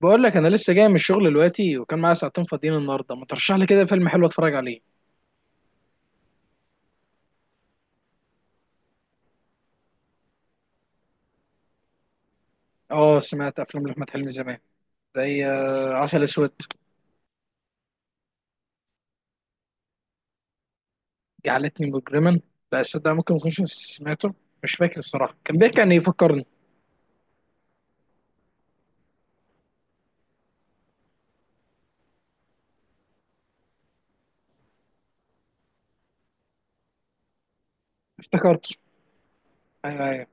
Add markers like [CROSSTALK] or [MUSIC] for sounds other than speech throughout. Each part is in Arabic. بقول لك انا لسه جاي من الشغل دلوقتي، وكان معايا ساعتين فاضيين النهارده. ما ترشح لي كده فيلم حلو اتفرج عليه؟ اه، سمعت افلام لاحمد حلمي زمان. زي عسل اسود. جعلتني مجرما. لا صدق، ممكن ما اكونش سمعته. مش فاكر الصراحه، كان بيحكي عن ايه؟ فكرني. افتكرته. ايوه، ايوه.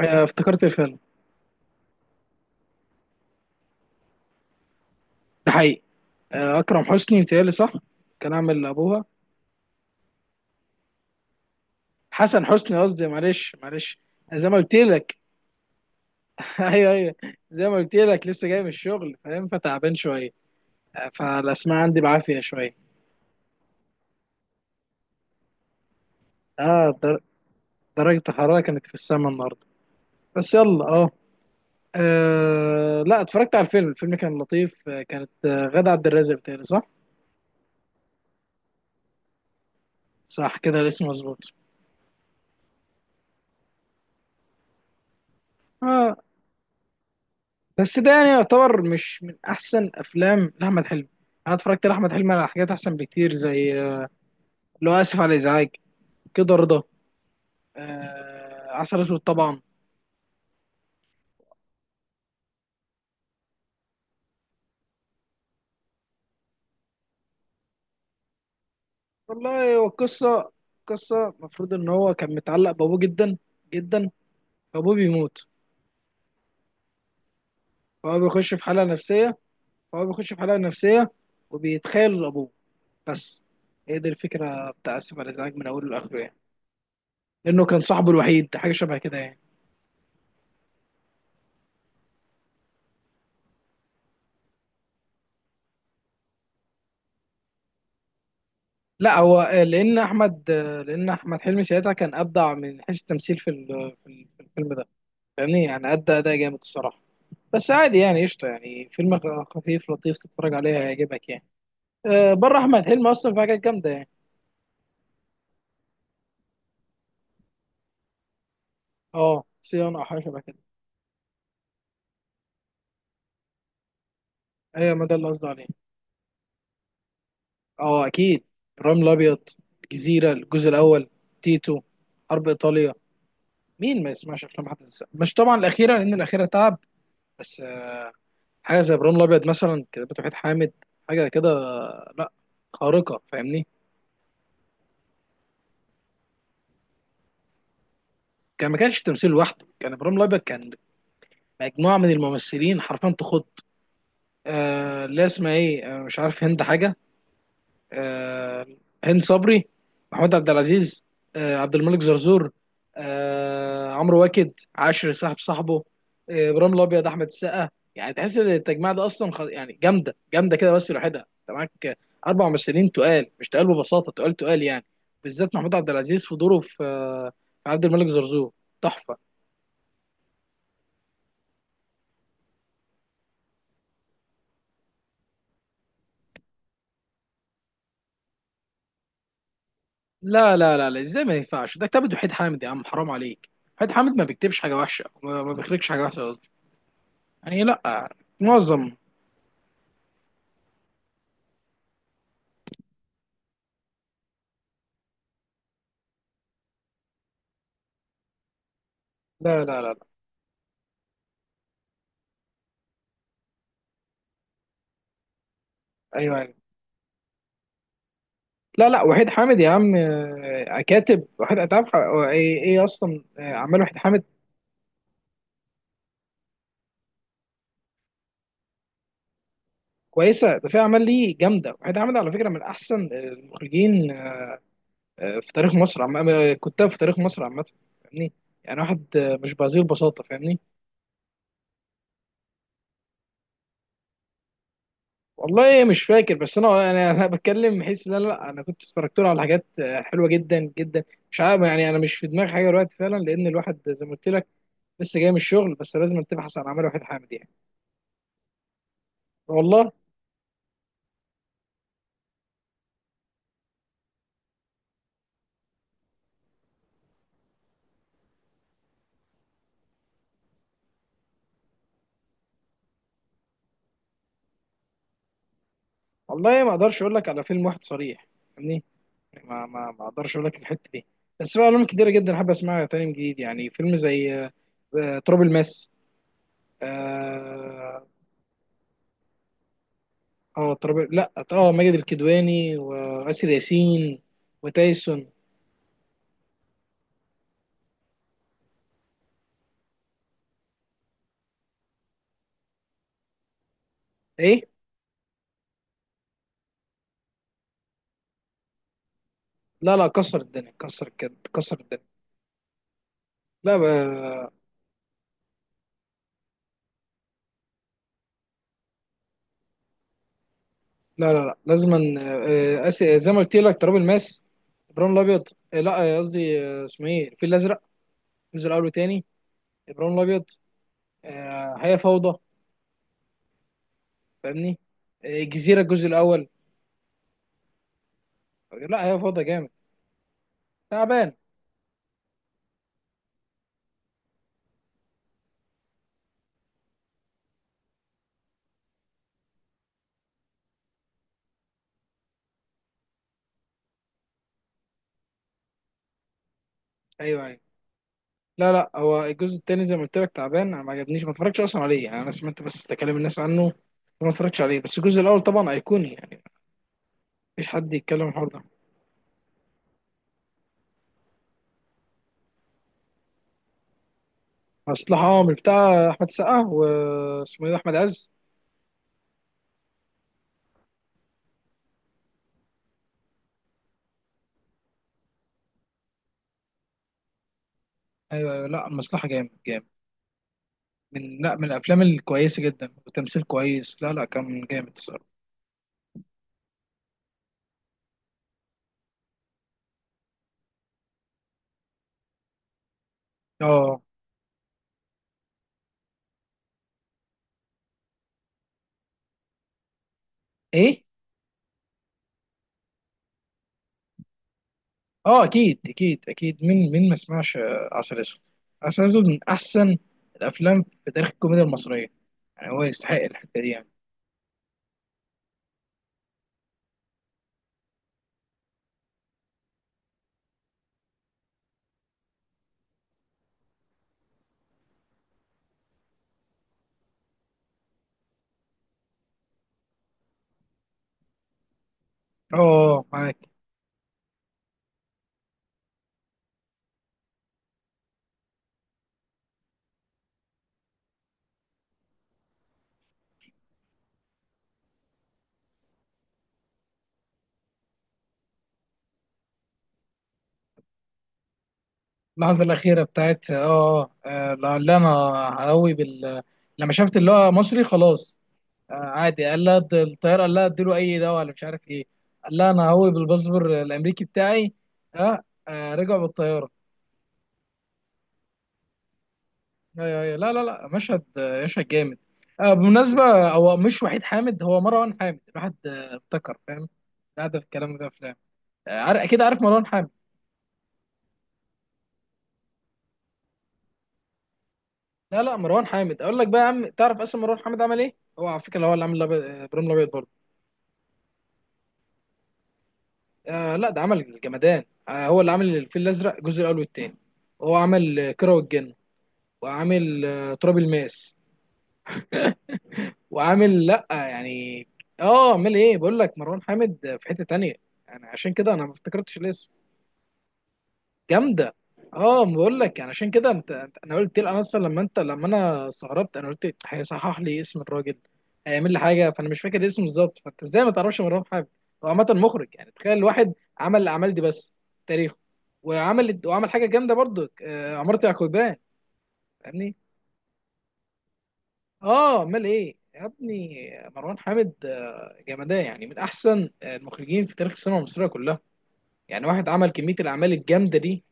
افتكرت الفيلم. ده حقيقي. اكرم حسني متهيألي، صح؟ كان عامل ابوها. حسن حسني قصدي، معلش معلش. زي ما قلت لك. [LAUGHS] ايوه، ايوه. زي ما قلت لك، لسه جاي من الشغل فاهم، فتعبان شويه. فالاسماء عندي بعافيه شويه. اه، درجة الحرارة كانت في السماء النهاردة. بس يلا اه. لا، اتفرجت على الفيلم كان لطيف. كانت غادة عبد الرازق بتاعي، صح؟ صح كده، الاسم مظبوط. اه. بس ده يعني يعتبر مش من احسن افلام لاحمد حلمي. انا اتفرجت لاحمد حلمي على حاجات احسن بكتير، زي لو اسف على الازعاج، كده رضا، عسل اسود طبعا. والله، هو القصة. قصة المفروض ان هو كان متعلق بابوه جدا. جدا. فابوه بيموت. فهو بيخش في حالة نفسية. فهو بيخش في حلقة نفسية. وبيتخيل لأبوه. بس. هي دي الفكرة بتاع آسف على الإزعاج من أوله لآخره يعني. لأنه كان صاحبه الوحيد، حاجة شبه كده يعني. لا، هو لأن أحمد حلمي ساعتها كان أبدع من حيث التمثيل في ال- آه، في ال- في الفيلم ده. فاهمني، يعني أدى أداء جامد الصراحة. بس عادي يعني قشطة، يعني فيلم خفيف لطيف تتفرج عليه هيعجبك يعني. بره أحمد حلمي أصلا في حاجات جامدة يعني. أه، صيانة أو حاجة شبه كده. هي ما ده اللي قصدي عليه. اه، اكيد. ابراهيم الابيض. الجزيره الجزء الاول. تيتو. حرب ايطاليا. مين ما يسمعش افلام احمد السقا؟ مش طبعا الاخيره، لان الاخيره تعب. بس حاجه زي ابراهيم الابيض مثلا، كتابته وحيد حامد. حاجه كده. لا، خارقه فاهمني. كان ما كانش تمثيل لوحده، كان ابراهيم الابيض كان مجموعه من الممثلين حرفيا تخض. لا، اسمها ايه؟ مش عارف، هند حاجه. آه، هند صبري. محمود عبد العزيز. عبد الملك زرزور. عمرو واكد عاشر صاحب صاحبه. ابراهيم الابيض، احمد السقا. يعني تحس ان التجميع ده اصلا يعني جامده جامده كده، بس لوحدها انت معاك اربع ممثلين تقال، مش تقال ببساطه، تقال تقال يعني. بالذات محمود عبد العزيز في دوره في عبد الملك زرزور، تحفه. لا، لا، لا، لا، ازاي ما ينفعش، ده كتاب وحيد حامد يا عم، حرام عليك. وحيد حامد ما بيكتبش حاجه وحشه، ما بيخرجش حاجه وحشه قصدي. يعني لا. معظم. لا، لا، لا، لا. ايوه، ايوه. لا، لا، وحيد حامد يا عم، كاتب وحيد. انت عارف إيه اصلا اعمال وحيد حامد؟ كويسه، ده في اعمال ليه جامده. وحيد حامد على فكره من احسن المخرجين في تاريخ مصر، عم آه، كتاب في تاريخ مصر عامه. فاهمني. يعني واحد مش بهذه البساطه، فاهمني. والله مش فاكر، بس انا بتكلم بحيث، لا، لا، انا كنت اتفرجت له على حاجات حلوه جدا جدا. مش عارف يعني، انا مش في دماغي حاجه دلوقتي فعلا، لان الواحد زي ما قلت لك لسه جاي من الشغل. بس لازم تبحث عن اعمال وحيد حامد يعني. والله. والله ما اقدرش اقول لك على فيلم واحد صريح، يعني، ما اقدرش اقول لك الحته دي. بس في افلام كتيره جدا حابب اسمعها تاني من جديد، يعني فيلم زي تراب الماس. اه. تراب، لا، ماجد الكدواني واسر ياسين وتايسون. ايه؟ لا، لا، كسر الدنيا، كسر الدنيا. لا، لا، لا، لا. لازم زي ما قلت لك، تراب الماس، ابراهيم الابيض، لا، قصدي، اسمه ايه، الفيل الازرق الجزء الاول والتاني، ابراهيم الابيض، هي فوضى. فاهمني. الجزيره الجزء الاول. لا، هي فاضيه جامد. تعبان. ايوه، ايوه، لا، لا، هو الجزء التاني زي ما قلت لك تعبان. انا ما عجبنيش، ما اتفرجتش اصلا عليه، يعني انا سمعت بس تكلم الناس عنه وما اتفرجتش عليه. بس الجزء الاول طبعا ايقوني يعني، مفيش حد يتكلم عن الحوار ده. مصلحه؟ اه، مش بتاع احمد السقا واسمه ايه ده؟ احمد عز. ايوه، ايوه، لا مصلحه جامد جامد. من، لا، من الافلام الكويسه جدا وتمثيل كويس، لا، لا، كان جامد الصراحه. اه، ايه؟ اه، اكيد اكيد اكيد، مين ما سمعش عسل اسود؟ عسل اسود من احسن الافلام في تاريخ الكوميديا المصريه. يعني هو يستحق الحته دي يعني. اه، معاك. اللحظه الاخيره بتاعت لعل انا هقوي بال، لما شفت اللي هو مصري خلاص. عادي قال لها الطياره قال لها اديله اي دواء ولا مش عارف ايه. قال لها انا هقوي بالباسبور الامريكي بتاعي. ها، رجعوا بالطياره. ايوه، ايوه، لا، لا، لا، مشهد جامد. بمناسبة، هو مش وحيد حامد، هو مروان حامد. الواحد افتكر، فاهم. قاعدة في الكلام ده، افلام. عارف اكيد، عارف مروان حامد. لا، لا، مروان حامد اقول لك بقى يا عم، تعرف اصلا مروان حامد عمل ايه؟ هو على فكرة، هو اللي عامل ابراهيم الابيض برضه. لا، ده عمل الجمدان. هو اللي عامل الفيل الازرق الجزء الاول والثاني. هو عامل كيرة والجن. وعامل تراب الماس. وعامل، لا يعني، اه، عامل ايه بقول لك. مروان حامد في حتة تانية، يعني عشان كده انا ما افتكرتش الاسم. جامده. اه، ما بقول لك يعني، عشان كده انا قلت لك، انا اصلا لما لما انا استغربت، انا قلت هيصحح لي اسم الراجل، هيعمل لي حاجه، فانا مش فاكر اسمه بالظبط. فانت ازاي ما تعرفش مروان حامد؟ هو عامه مخرج، يعني تخيل واحد عمل الاعمال دي بس في تاريخه. وعمل حاجه جامده برضو، عمارة يعقوبيان. فاهمني. اه، امال ايه يا ابني! مروان حامد جمدان، يعني من احسن المخرجين في تاريخ السينما المصريه كلها. يعني واحد عمل كميه الاعمال الجامده دي.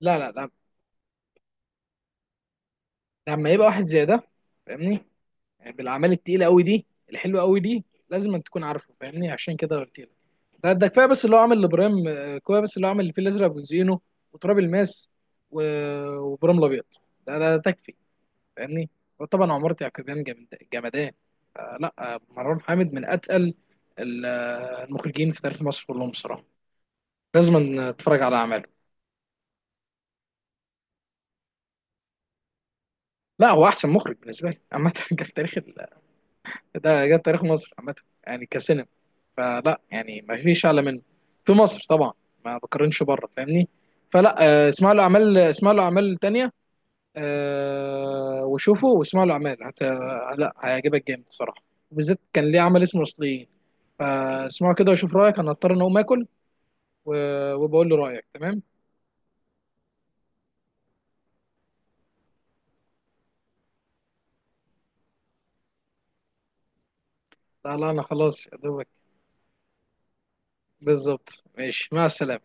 لا، لا، لا، لما يبقى واحد زي ده، فاهمني، يعني بالاعمال التقيله قوي دي الحلوه قوي دي لازم أن تكون عارفه، فاهمني؟ عشان كده قلت لك، ده كفايه بس اللي هو عامل لابراهيم، كفايه بس اللي هو عامل الفيل الازرق وزينو وتراب الماس و- وابراهيم الابيض. ده تكفي، فاهمني. وطبعا عمارة يعقوبيان جمدان. لا، مروان حامد من اتقل المخرجين في تاريخ مصر كلهم بصراحه. لازم تتفرج على اعماله. لا، هو احسن مخرج بالنسبه لي عامه. [LAUGHS] جه في تاريخ ده، جه في تاريخ مصر عامه، يعني كسنة، فلا يعني ما فيش اعلى منه في مصر طبعا، ما بقارنش بره فاهمني. فلا، اسمعوا له اعمال، اسمعوا له اعمال تانية، وشوفوا واسمعوا له اعمال لا، هيعجبك جامد الصراحه. وبالذات كان ليه عمل اسمه الاصليين. فاسمعوا كده وشوف رايك. انا هضطر ان اقوم اكل و... وبقول له رايك تمام. لا، لا، انا خلاص يا دوبك. بالظبط، ماشي، مع السلامه.